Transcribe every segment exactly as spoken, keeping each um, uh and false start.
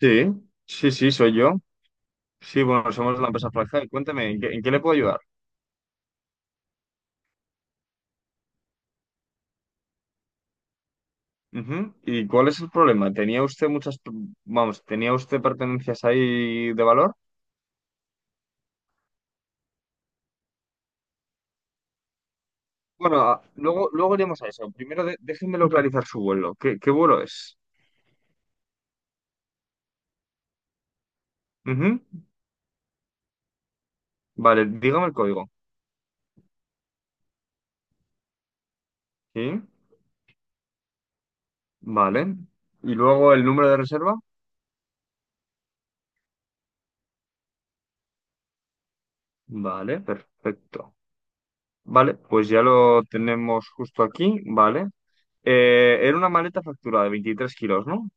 Sí, sí, sí, soy yo. Sí, bueno, somos la empresa Fractal. Cuénteme, ¿en qué, en qué le puedo ayudar? Ujú. ¿Y cuál es el problema? ¿Tenía usted muchas, vamos, tenía usted pertenencias ahí de valor? Bueno, a- luego, luego iremos a eso. Primero de- déjeme localizar su vuelo. ¿Qué, qué vuelo es? Ujú. Vale, dígame el código. Sí, vale. ¿Y luego el número de reserva? Vale, perfecto. Vale, pues ya lo tenemos justo aquí. Vale. Eh, era una maleta facturada de veintitrés kilos, ¿no?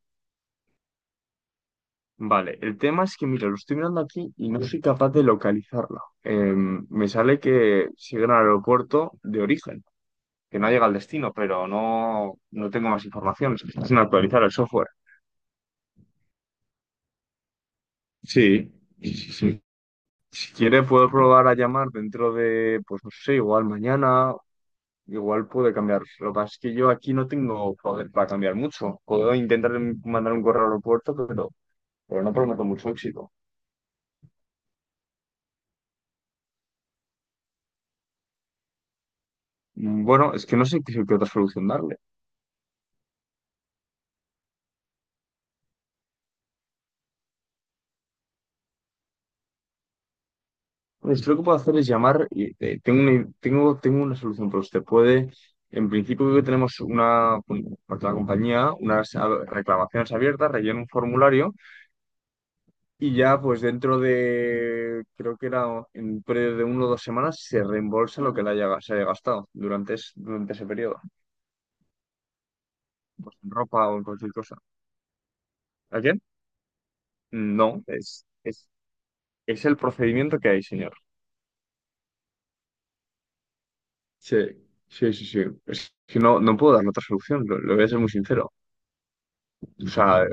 Vale, el tema es que, mira, lo estoy mirando aquí y no soy capaz de localizarla. Eh, me sale que sigue en el aeropuerto de origen, que no llega al destino, pero no, no tengo más información. Se está sin actualizar el software. Sí, sí, sí. sí. Si quiere, puedo probar a llamar dentro de, pues no sé, igual mañana, igual puede cambiar. Lo que pasa es que yo aquí no tengo poder para cambiar mucho. Puedo intentar mandar un correo al aeropuerto, pero, pero no prometo mucho éxito. Mm, Bueno, es que no sé qué qué otra solución darle. Pues lo que puedo hacer es llamar y eh, tengo una, tengo, tengo una solución, pero usted puede, en principio creo que tenemos una, bueno, por la compañía, unas a- reclamaciones abiertas, rellena un formulario y ya pues dentro de, creo que era en un periodo de una o dos semanas, se reembolsa lo que le haya, se haya gastado durante, es- durante ese periodo, pues, en ropa o en cualquier cosa. ¿A quién? No, es, es, es el procedimiento que hay, señor. Sí, sí, sí, sí. Es que no, no puedo dar otra solución, lo, lo voy a ser muy sincero. O sea,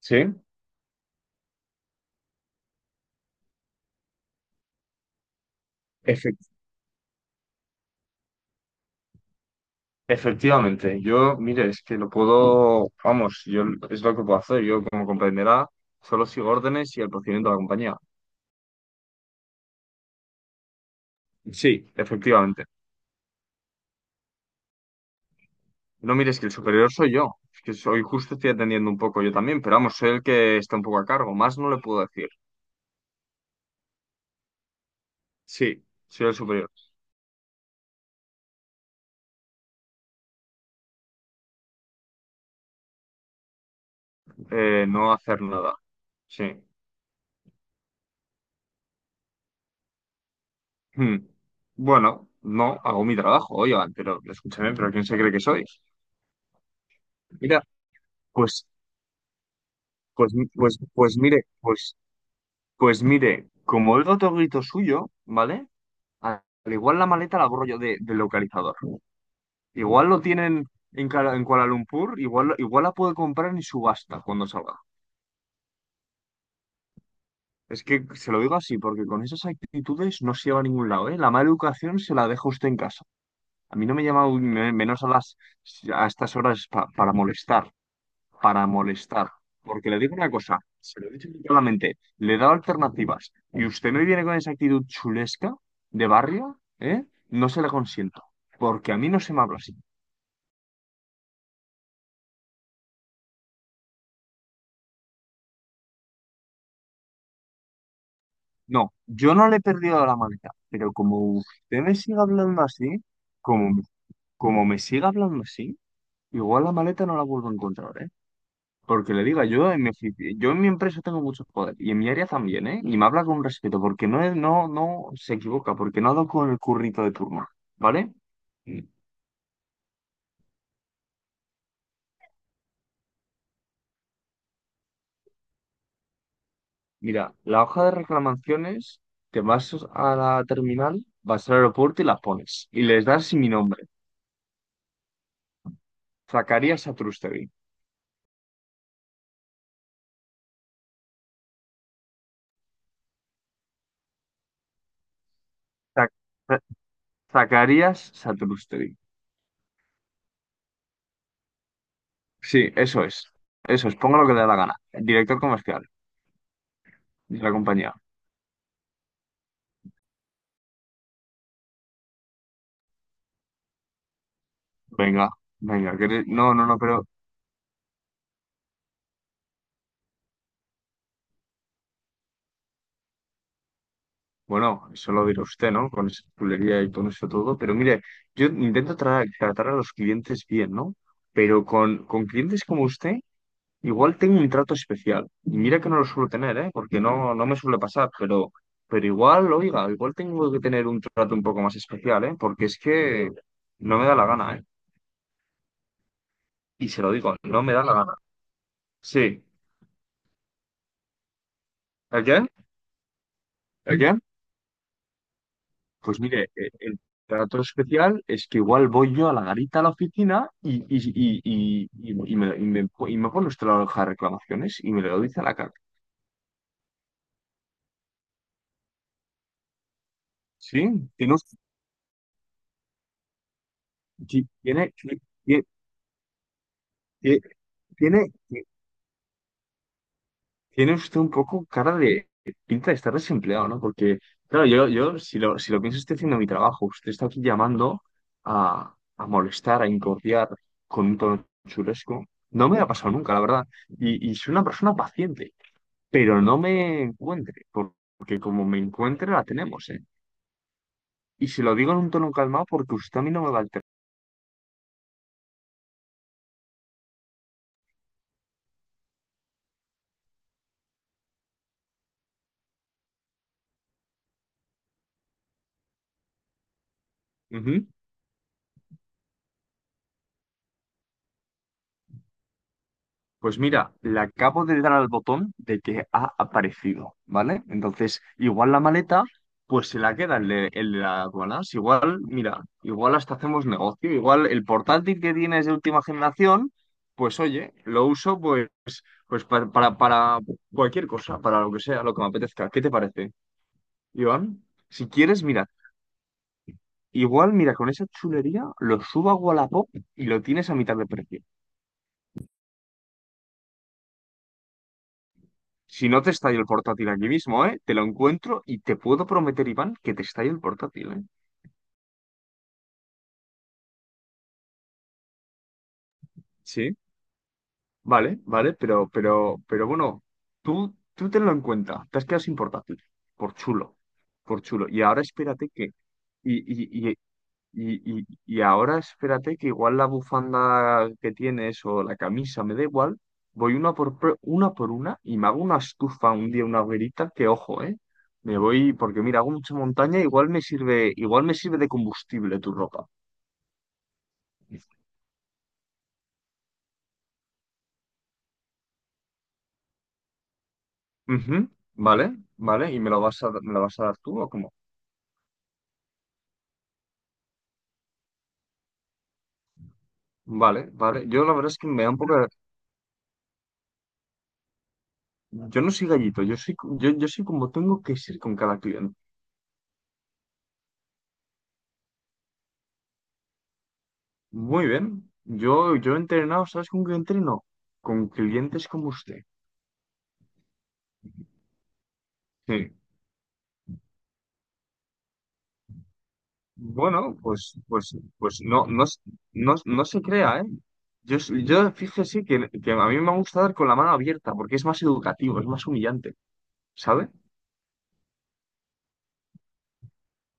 sí, efe- efectivamente. Yo, mire, es que lo puedo, vamos, yo es lo que puedo hacer. Yo, como comprenderá, solo sigo órdenes y el procedimiento de la compañía. Sí, efectivamente. No, mire, es que el superior soy yo. Es que soy justo, estoy atendiendo un poco yo también, pero vamos, soy el que está un poco a cargo. Más no le puedo decir. Sí, soy el superior. Eh, no hacer nada. Sí. Hmm. Bueno, no, hago mi trabajo, oigan, pero escúchame, pero ¿quién se cree que soy? Mira, pues, pues, pues, pues mire, pues. Pues mire, como oigo otro grito suyo, ¿vale? Al igual la maleta la borro yo de, del localizador. Igual lo tienen en, Kuala- en Kuala Lumpur, igual, igual la puedo comprar en subasta cuando salga. Es que se lo digo así, porque con esas actitudes no se lleva a ningún lado, ¿eh? La mala educación se la deja usted en casa. A mí no me llama un- me- menos a las a estas horas pa- para molestar. Para molestar. Porque le digo una cosa, se lo he dicho claramente, le he dado alternativas y usted me viene con esa actitud chulesca de barrio, ¿eh? No se la consiento, porque a mí no se me habla así. No, yo no le he perdido la maleta, pero como usted me siga hablando así, como, como me siga hablando así, igual la maleta no la vuelvo a encontrar, ¿eh? Porque le diga, yo en mi ofici- yo en mi empresa tengo mucho poder y en mi área también, ¿eh? Y me habla con respeto porque no, es- no, no se equivoca, porque no ha dado con el currito de turno, ¿vale? Mm. Mira, la hoja de reclamaciones, te vas a la terminal, vas al aeropuerto y la pones. Y les das mi nombre, Zacarías Satrústegui. Zac- Za- Zacarías Satrústegui. Sí, eso es. Eso es, ponga lo que le da la gana. El director comercial de la compañía. Venga, venga, que eres- no, no, no, pero bueno, eso lo dirá usted, ¿no? Con esa chulería y con eso todo. Pero mire, yo intento tra- tratar a los clientes bien, ¿no? Pero con, con clientes como usted, igual tengo un trato especial. Y mira que no lo suelo tener, ¿eh? Porque no, no me suele pasar, pero, pero igual, oiga, igual tengo que tener un trato un poco más especial, ¿eh? Porque es que no me da la gana, ¿eh? Y se lo digo, no me da la gana. Sí. ¿El qué? ¿El qué? Pues mire, eh, el trato especial es que igual voy yo a la garita a la oficina y, y, y, y, y- y me, y, me, y me pone usted la hoja de reclamaciones y me lo dice a la cara. Sí, tiene, us- ti- tiene, ti- ti- tiene, ti- tiene usted un poco cara de pinta de estar desempleado, ¿no? Porque, claro, yo, yo si lo, si lo, pienso, estoy haciendo mi trabajo. Usted está aquí llamando a, a molestar, a incordiar con un tono chulesco. No me ha pasado nunca, la verdad. Y, y soy una persona paciente. Pero no me encuentre, por- porque como me encuentre la tenemos, ¿eh? Y se lo digo en un tono calmado porque usted a mí no me va a alterar. Ujú. Pues mira, le acabo de dar al botón de que ha aparecido, ¿vale? Entonces, igual la maleta, pues se la queda el de, el de las aduanas. Igual, mira, igual hasta hacemos negocio. Igual el portátil que tiene es de última generación, pues oye, lo uso pues, pues para, para, para cualquier cosa, para lo que sea, lo que me apetezca. ¿Qué te parece, Iván? Si quieres, mira, igual, mira, con esa chulería lo subo a Wallapop y lo tienes a mitad de precio. Si no te estalla el portátil aquí mismo, ¿eh? Te lo encuentro y te puedo prometer, Iván, que te estalla el portátil, ¿eh? Sí, vale, vale, pero, pero, pero bueno, tú, tú tenlo en cuenta. Te has quedado sin portátil. Por chulo, por chulo. Y ahora espérate que... Y, Y, y, y ahora espérate que igual la bufanda que tienes o la camisa, me da igual, voy una por, pro- una por una y me hago una estufa un día, una hoguerita, que ojo, ¿eh? Me voy, porque mira, hago mucha montaña, igual me sirve, igual me sirve de combustible tu ropa. Ujú. Vale, vale, ¿y me la vas a, me la vas a dar tú o cómo? Vale, vale, yo la verdad es que me da un poco... de- Yo no soy gallito, yo soy, co- yo, yo soy como tengo que ser con cada cliente. Muy bien. Yo, yo he entrenado, ¿sabes con qué entreno? Con clientes como usted. Sí. Bueno, pues, pues, pues no, no, s- no, no se crea, ¿eh? Yo, s- yo fíjese que, que a mí me gusta dar con la mano abierta porque es más educativo, es más humillante, ¿sabe?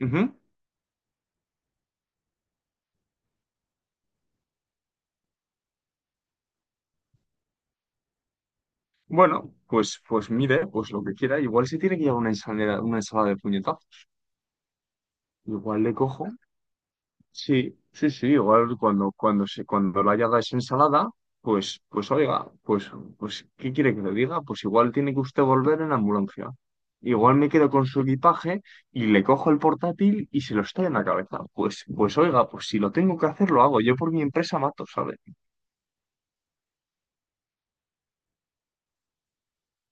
Ujú. Bueno, pues, pues mire, pues lo que quiera. Igual se tiene que llevar una ensalada, una ensalada de puñetazos. Igual le cojo sí, sí, sí, igual cuando, cuando se, cuando la haga es ensalada, pues, pues oiga, pues, pues, ¿qué quiere que le diga? Pues igual tiene que usted volver en ambulancia. Igual me quedo con su equipaje y le cojo el portátil y se lo estoy en la cabeza. Pues, pues oiga, pues si lo tengo que hacer, lo hago. Yo por mi empresa mato, ¿sabes?